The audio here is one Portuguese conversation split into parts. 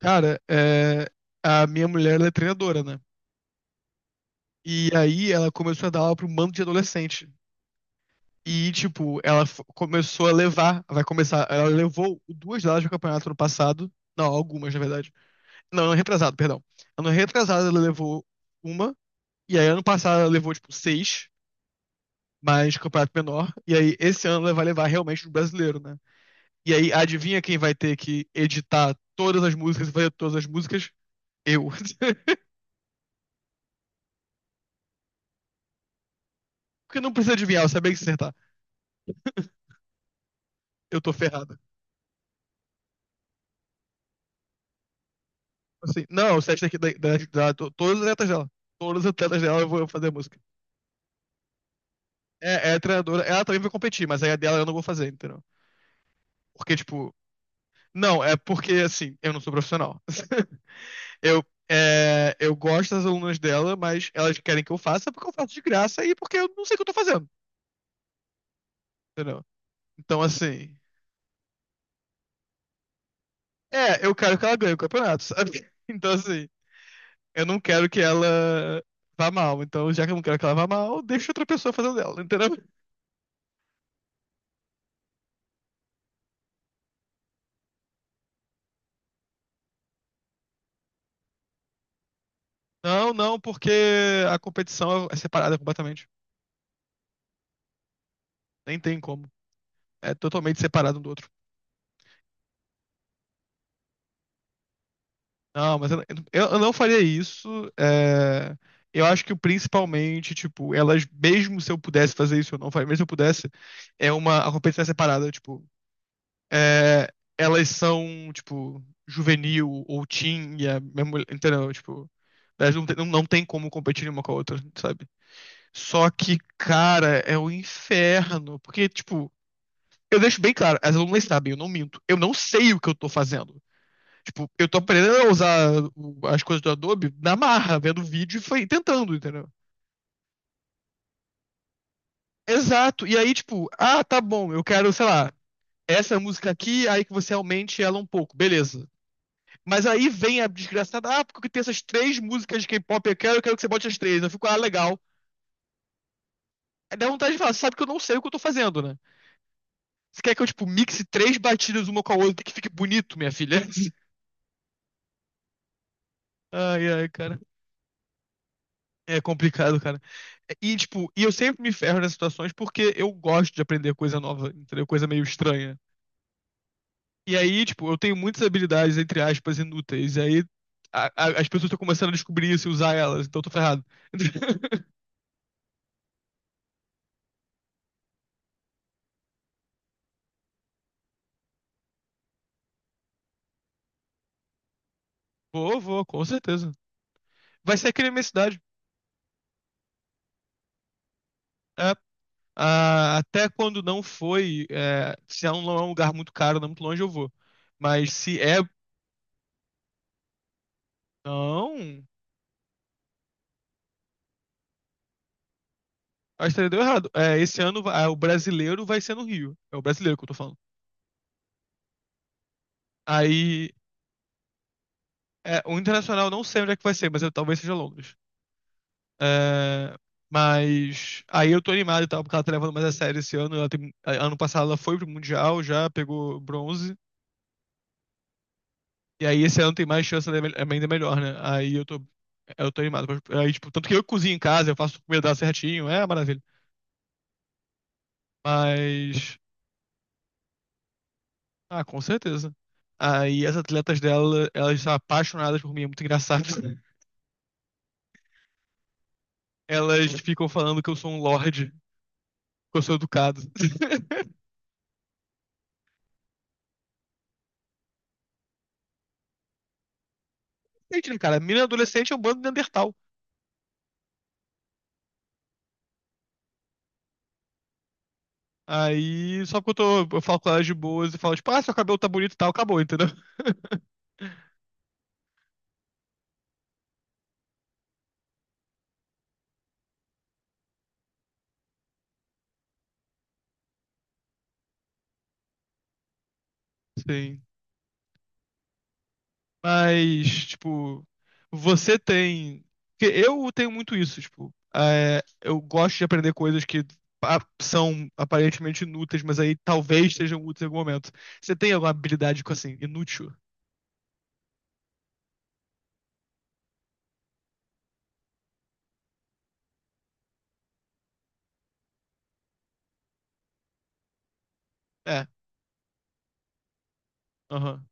Cara, é, a minha mulher, ela é treinadora, né? E aí ela começou a dar aula para um bando de adolescente. E, tipo, começou a levar, vai começar, ela levou duas delas pro campeonato no passado. Não, algumas, na verdade. Não, ano retrasado, perdão. Ano retrasado ela levou uma, e aí ano passado ela levou, tipo, seis, mas campeonato menor. E aí esse ano ela vai levar realmente o brasileiro, né? E aí adivinha quem vai ter que editar todas as músicas e fazer todas as músicas? Eu. Porque não precisa adivinhar, eu sabia que ia acertar. Eu tô ferrada. Assim, não, o set daqui to- todas as atletas dela. Todas as atletas dela eu vou fazer a música. É, é a treinadora, ela também vai competir, mas aí a dela eu não vou fazer, entendeu? Porque, tipo, não, é porque assim, eu não sou profissional. Eu, é, eu gosto das alunas dela, mas elas querem que eu faça porque eu faço de graça e porque eu não sei o que eu tô fazendo, entendeu? Então, assim, é, eu quero que ela ganhe o campeonato, sabe? Então, assim, eu não quero que ela vá mal. Então, já que eu não quero que ela vá mal, deixa outra pessoa fazendo dela, entendeu? Não, não, porque a competição é separada completamente. Nem tem como. É totalmente separado um do outro. Não, mas eu não faria isso. É, eu acho que principalmente, tipo, elas, mesmo se eu pudesse fazer isso, eu não faria, mesmo se eu pudesse, é uma. A competição é separada, tipo. É, elas são, tipo, juvenil ou teen, e a minha mulher- entendeu? Tipo. Elas não tem, não, não tem como competir uma com a outra, sabe? Só que, cara, é o inferno. Porque, tipo. Eu deixo bem claro, as alunas sabem, eu não minto. Eu não sei o que eu tô fazendo. Tipo, eu tô aprendendo a usar o- as coisas do Adobe na marra, vendo vídeo e foi tentando, entendeu? Exato. E aí, tipo, ah, tá bom, eu quero, sei lá, essa música aqui, aí que você aumente ela um pouco, beleza. Mas aí vem a desgraçada, ah, porque tem essas três músicas de K-pop, eu quero que você bote as três. Eu fico, ah, legal. Aí dá vontade de falar, você sabe que eu não sei o que eu tô fazendo, né? Você quer que eu, tipo, mixe três batidas uma com a outra que fique bonito, minha filha? Ai, ai, cara. É complicado, cara. E, tipo, e eu sempre me ferro nessas situações porque eu gosto de aprender coisa nova, entendeu? Coisa meio estranha. E aí, tipo, eu tenho muitas habilidades, entre aspas, inúteis. E aí as pessoas estão começando a descobrir isso e usar elas, então eu tô ferrado. Vou, vou, com certeza. Vai ser aqui na minha cidade. É. Ah, até quando não foi, é, se é um, não é um lugar muito caro, não é muito longe, eu vou. Mas se é. Não. Acho que deu errado. É, ah, o brasileiro vai ser no Rio. É o brasileiro que eu tô falando. Aí é, o internacional eu não sei onde é que vai ser, mas eu, talvez seja Londres. É, mas aí eu tô animado e tal, porque ela tá levando mais a sério esse ano. Ano passado ela foi pro Mundial já, pegou bronze. E aí esse ano tem mais chance, ela é ainda melhor, né? Aí eu tô animado. Aí, tipo, tanto que eu cozinho em casa, eu faço comida dela certinho, é uma maravilha. Mas, ah, com certeza. Aí as atletas dela, elas são apaixonadas por mim, é muito engraçado. Elas ficam falando que eu sou um lorde, que eu sou educado. Gente, né, cara, menina adolescente é um bando de Neandertal. Aí, só que eu tô, eu falo com elas de boas e falo, tipo, ah, seu cabelo tá bonito e tal, acabou, entendeu? Sim. Mas, tipo, você tem. Porque eu tenho muito isso, tipo, é, eu gosto de aprender coisas que são aparentemente inúteis, mas aí talvez sejam úteis em algum momento. Você tem alguma habilidade com assim, inútil? É, aham.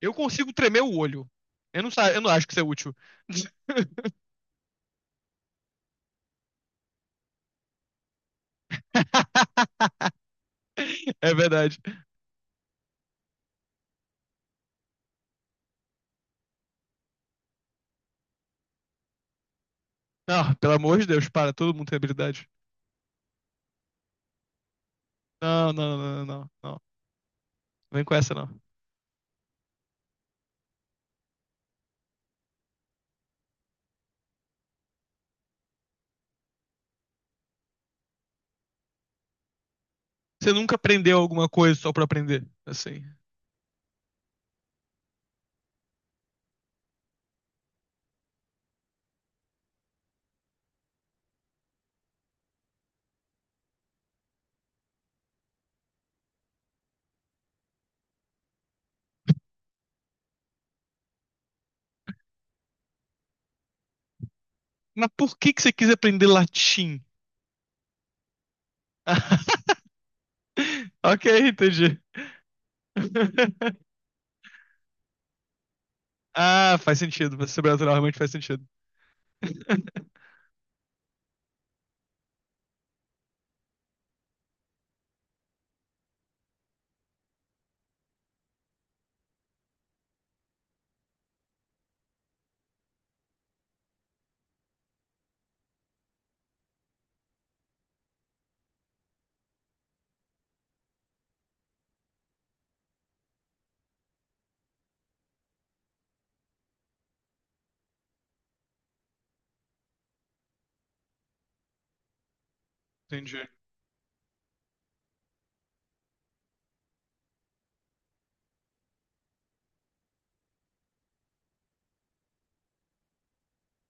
Eu consigo tremer o olho. Eu não, eu não acho que isso é útil. É verdade. Não, pelo amor de Deus, para, todo mundo tem habilidade. Não, não, não, não, não, não. Não vem com essa, não. Você nunca aprendeu alguma coisa só pra aprender, assim. Mas por que que você quis aprender latim? Ok, entendi. Ah, faz sentido. Você sobrenatural realmente faz sentido. Entendi.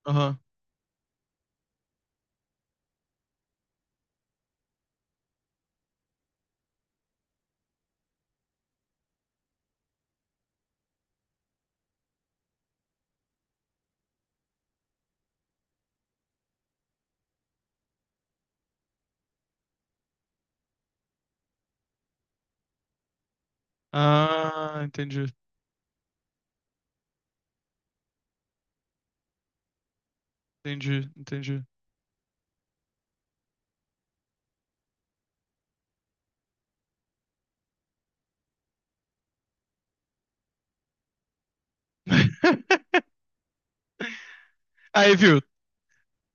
Aham. Ah, entendi. Entendi, entendi. Aí, viu?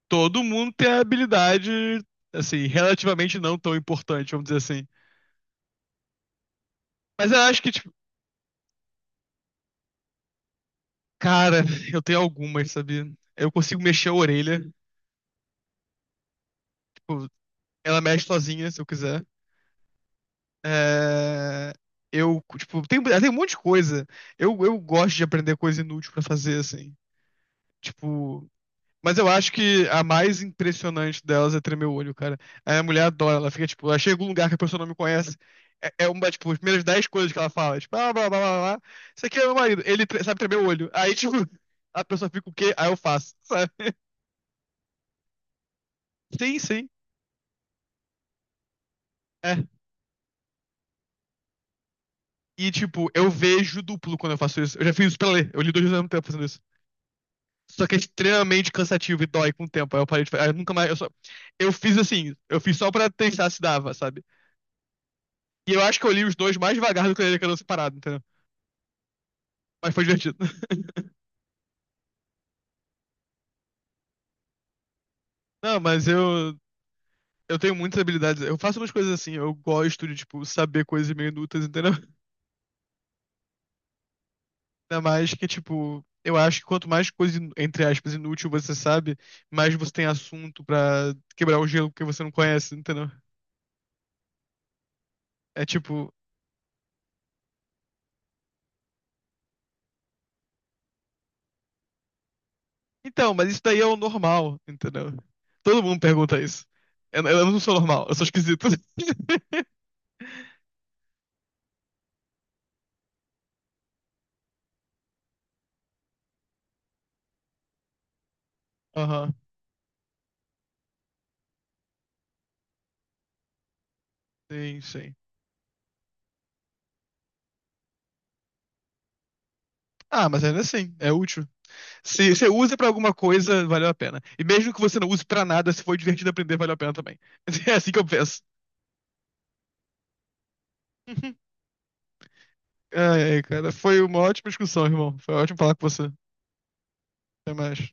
Todo mundo tem a habilidade, assim, relativamente não tão importante, vamos dizer assim. Mas eu acho que, tipo, cara, eu tenho algumas, sabe? Eu consigo mexer a orelha. Tipo, ela mexe sozinha, se eu quiser. É... Eu, tipo, tem, tem um monte de coisa. Eu gosto de aprender coisa inútil pra fazer, assim. Tipo... Mas eu acho que a mais impressionante delas é tremer o olho, cara. A minha mulher adora. Ela fica, tipo... Ela chega em um lugar que a pessoa não me conhece. É, é uma, tipo, as primeiras 10 coisas que ela fala. Tipo, blá, blá, blá, blá, blá. Isso aqui é meu marido. Sabe tremer o olho. Aí, tipo... A pessoa fica o quê? Aí eu faço, sabe? Sim, sim. É. E, tipo, eu vejo duplo quando eu faço isso. Eu já fiz isso pra ler. Eu li dois livros ao mesmo tempo fazendo isso. Só que é extremamente cansativo e dói com o tempo. Aí eu parei de fazer. Eu nunca mais. Eu, só... eu fiz assim. Eu fiz só pra testar se dava, sabe? E eu acho que eu li os dois mais devagar do que eu li aquela separado, entendeu? Mas foi divertido. Não, mas eu. Eu tenho muitas habilidades. Eu faço umas coisas assim. Eu gosto de, tipo, saber coisas meio inúteis, entendeu? Ainda mais que, tipo. Eu acho que quanto mais coisa, entre aspas, inútil você sabe, mais você tem assunto pra quebrar o gelo que você não conhece, entendeu? É tipo, então, mas isso daí é o normal, entendeu? Todo mundo pergunta isso. Eu não sou normal, eu sou esquisito. Aham, sim, sim. Ah, mas ainda assim, é útil. Se você usa pra alguma coisa, valeu a pena. E mesmo que você não use pra nada, se for divertido aprender, valeu a pena também. É assim que eu penso. Ai, ai, cara, foi uma ótima discussão, irmão. Foi ótimo falar com você. Até mais.